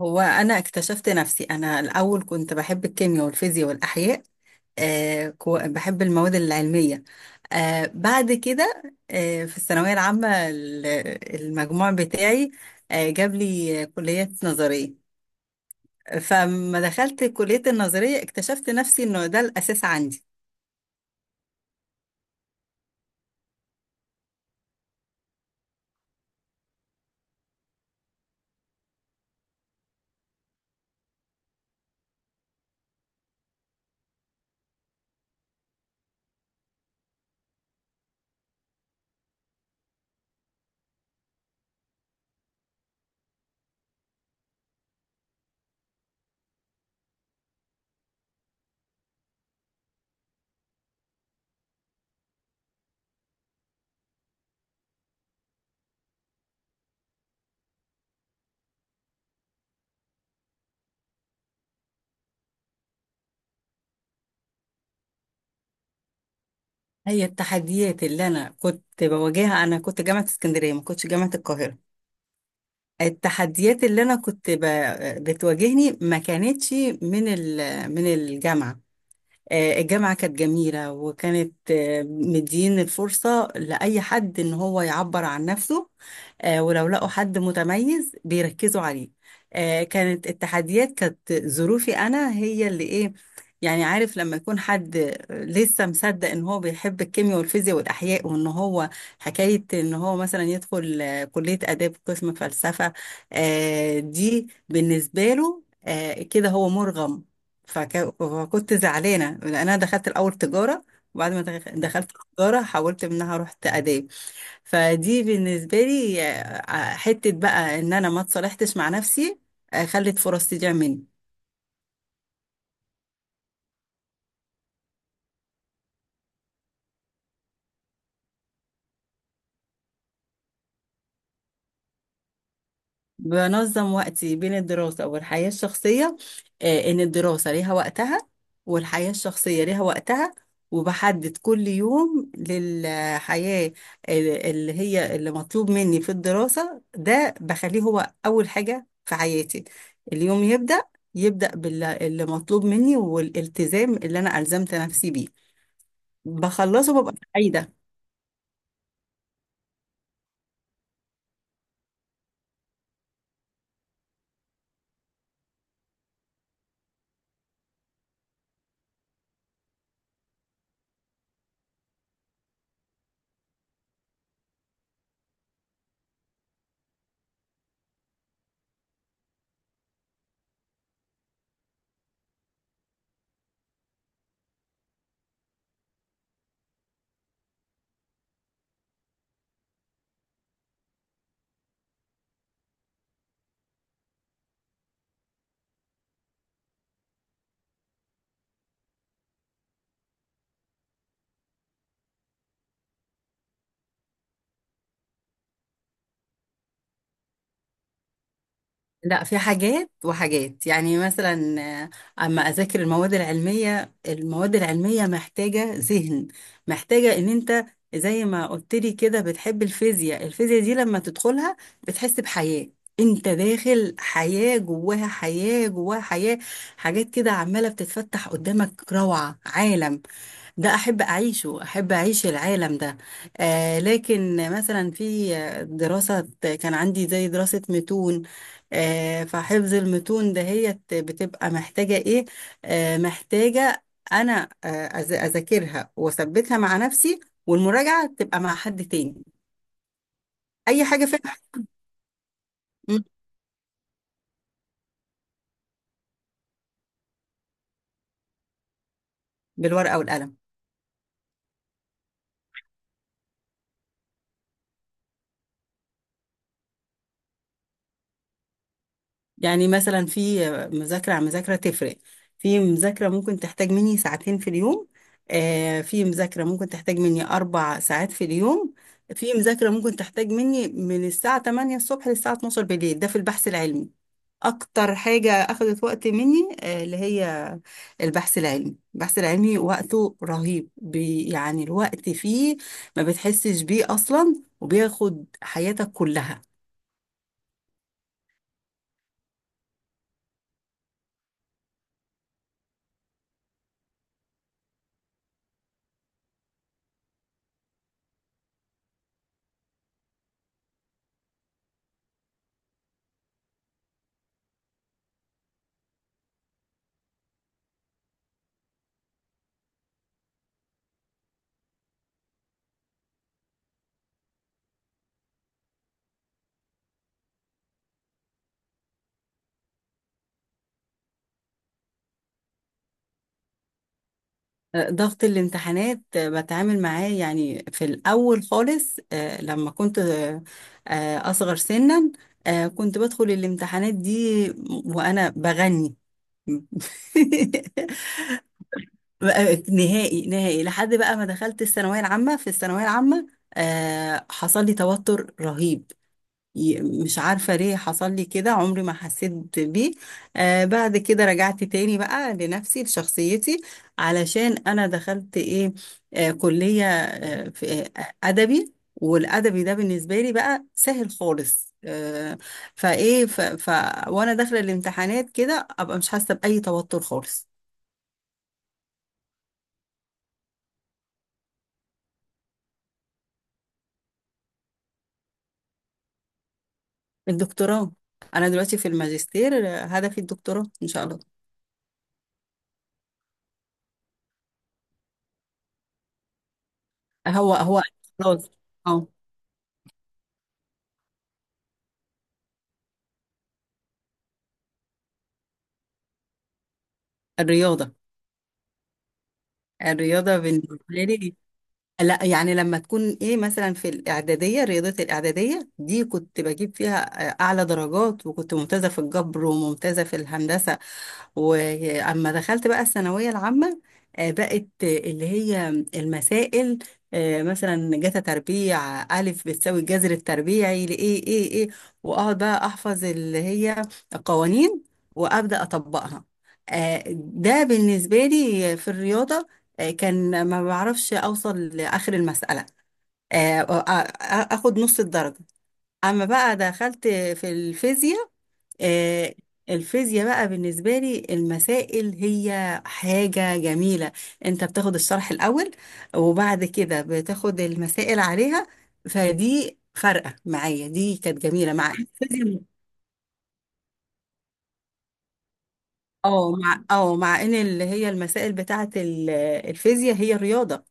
هو انا اكتشفت نفسي، انا الاول كنت بحب الكيمياء والفيزياء والاحياء. بحب المواد العلميه. بعد كده، في الثانويه العامه المجموع بتاعي جاب لي كليه نظريه. فلما دخلت كليه النظريه اكتشفت نفسي انه ده الاساس عندي. هي التحديات اللي انا كنت بواجهها، انا كنت جامعه اسكندريه، ما كنتش جامعه القاهره. التحديات اللي انا كنت بتواجهني ما كانتش من ال... من الجامعة. الجامعة كانت جميلة وكانت مدين الفرصة لأي حد إن هو يعبر عن نفسه. ولو لقوا حد متميز بيركزوا عليه. كانت التحديات، كانت ظروفي أنا هي اللي إيه. يعني عارف لما يكون حد لسه مصدق إن هو بيحب الكيمياء والفيزياء والأحياء وإن هو حكاية إن هو مثلا يدخل كلية آداب قسم فلسفة. دي بالنسبة له كده هو مرغم. فكنت زعلانه لان انا دخلت الاول تجاره، وبعد ما دخلت تجاره حولت منها رحت اداب. فدي بالنسبه لي حته بقى ان انا ما اتصالحتش مع نفسي. خلت فرص تضيع مني. بنظم وقتي بين الدراسة والحياة الشخصية، إن الدراسة ليها وقتها والحياة الشخصية ليها وقتها، وبحدد كل يوم للحياة اللي هي اللي مطلوب مني في الدراسة ده بخليه هو أول حاجة في حياتي. اليوم يبدأ باللي مطلوب مني والالتزام اللي أنا ألزمت نفسي بيه، بخلصه ببقى سعيدة. لا، في حاجات وحاجات، يعني مثلا اما اذاكر المواد العلميه، المواد العلميه محتاجه ذهن، محتاجه ان انت زي ما قلت لي كده بتحب الفيزياء، الفيزياء دي لما تدخلها بتحس بحياه. انت داخل حياه جواها حياه جواها حياه، حاجات كده عماله بتتفتح قدامك، روعه، عالم ده احب اعيشه، احب اعيش العالم ده. لكن مثلا في دراسة، كان عندي زي دراسة متون. فحفظ المتون دهيت بتبقى محتاجة ايه؟ محتاجة انا اذاكرها واثبتها مع نفسي، والمراجعة تبقى مع حد تاني اي حاجة فيها. بالورقة والقلم. يعني مثلا في مذاكرة عن مذاكرة تفرق. في مذاكرة ممكن تحتاج مني ساعتين في اليوم، في مذاكرة ممكن تحتاج مني 4 ساعات في اليوم، في مذاكرة ممكن تحتاج مني من الساعة 8 الصبح للساعة 12 بالليل، ده في البحث العلمي. أكتر حاجة أخذت وقت مني اللي هي البحث العلمي، البحث العلمي وقته رهيب بي، يعني الوقت فيه ما بتحسش بيه أصلا وبياخد حياتك كلها. ضغط الامتحانات بتعامل معاه، يعني في الأول خالص لما كنت أصغر سنا، كنت بدخل الامتحانات دي وأنا بغني. بقى نهائي نهائي لحد بقى ما دخلت الثانوية العامة. في الثانوية العامة حصل لي توتر رهيب. مش عارفة ليه حصل لي كده، عمري ما حسيت بيه. بعد كده رجعت تاني بقى لنفسي لشخصيتي، علشان أنا دخلت إيه؟ كلية في أدبي، والأدبي ده بالنسبة لي بقى سهل خالص، آه فإيه ف ف وأنا داخلة الامتحانات كده أبقى مش حاسة بأي توتر خالص. الدكتوراه. أنا دلوقتي في الماجستير، هدفي الدكتوراه إن شاء الله. هو هو خلاص. أه الرياضة. الرياضة بالنسبة لي، لا يعني لما تكون ايه، مثلا في الاعداديه، رياضه الاعداديه دي كنت بجيب فيها اعلى درجات، وكنت ممتازه في الجبر وممتازه في الهندسه. واما دخلت بقى الثانويه العامه، بقت اللي هي المسائل. مثلا جتا تربيع الف بتساوي الجذر التربيعي لايه ايه ايه، واقعد بقى احفظ اللي هي القوانين وابدا اطبقها. ده بالنسبه لي في الرياضه، كان ما بعرفش اوصل لاخر المساله، اخد نص الدرجه. اما بقى دخلت في الفيزياء، آه، الفيزياء بقى بالنسبة لي المسائل هي حاجة جميلة. انت بتاخد الشرح الأول وبعد كده بتاخد المسائل عليها، فدي فارقة معايا، دي كانت جميلة مع إن الفيزياء، مع ان اللي هي المسائل بتاعة الفيزياء هي رياضة،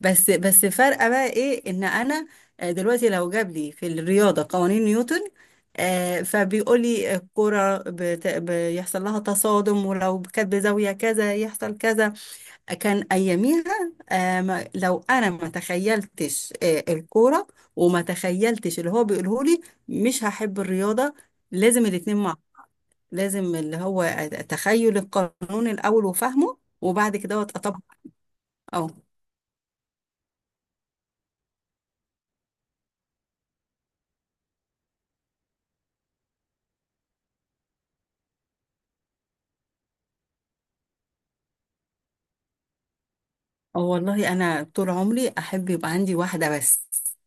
بس بس فارقه بقى ايه ان انا دلوقتي لو جاب لي في الرياضه قوانين نيوتن، فبيقول لي الكرة بيحصل لها تصادم، ولو كانت بزاوية كذا يحصل كذا. كان أياميها، لو أنا ما تخيلتش الكورة، وما تخيلتش اللي هو بيقوله لي، مش هحب الرياضة. لازم الاتنين مع بعض. لازم اللي هو تخيل القانون الأول وفهمه وبعد كده أطبقه. اه، والله انا طول عمري احب يبقى عندي واحده بس،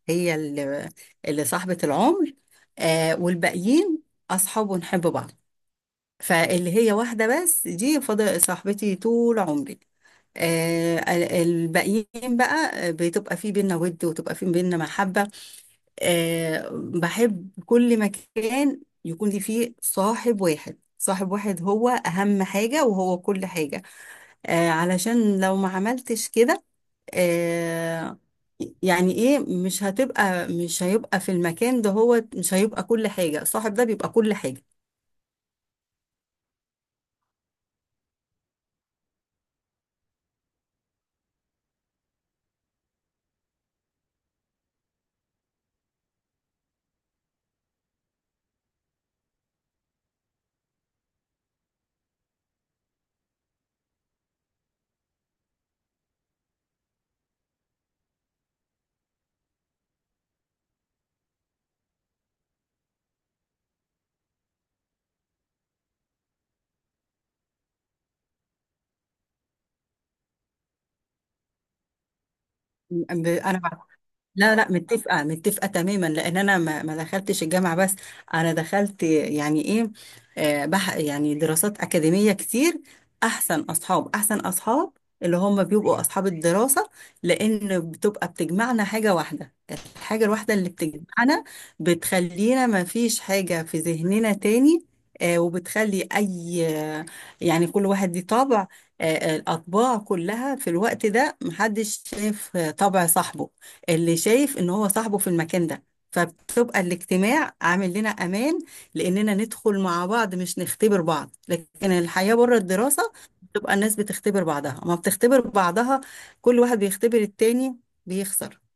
هي اللي صاحبه العمر. والباقيين اصحاب ونحب بعض. فاللي هي واحده بس، دي فضل صاحبتي طول عمري. الباقيين بقى بتبقى في بينا ود، وتبقى في بينا محبه. بحب كل مكان يكون لي فيه صاحب واحد، صاحب واحد هو اهم حاجه وهو كل حاجه. علشان لو ما عملتش كده، آه يعني ايه، مش هيبقى في المكان ده، هو مش هيبقى كل حاجة. صاحب ده بيبقى كل حاجة. انا، لا لا، متفقة متفقة تماما، لأن أنا ما دخلتش الجامعة بس، أنا دخلت يعني إيه، آه، بح يعني دراسات أكاديمية كتير. أحسن أصحاب، أحسن أصحاب اللي هم بيبقوا أصحاب الدراسة، لأن بتبقى بتجمعنا حاجة واحدة. الحاجة الواحدة اللي بتجمعنا بتخلينا ما فيش حاجة في ذهننا تاني، وبتخلي أي يعني كل واحد ليه طبع. الأطباع كلها في الوقت ده محدش شايف طبع صاحبه، اللي شايف ان هو صاحبه في المكان ده. فبتبقى الاجتماع عامل لنا امان، لاننا ندخل مع بعض مش نختبر بعض، لكن الحياة بره الدراسة بتبقى الناس بتختبر بعضها، ما بتختبر بعضها، كل واحد بيختبر التاني، بيخسر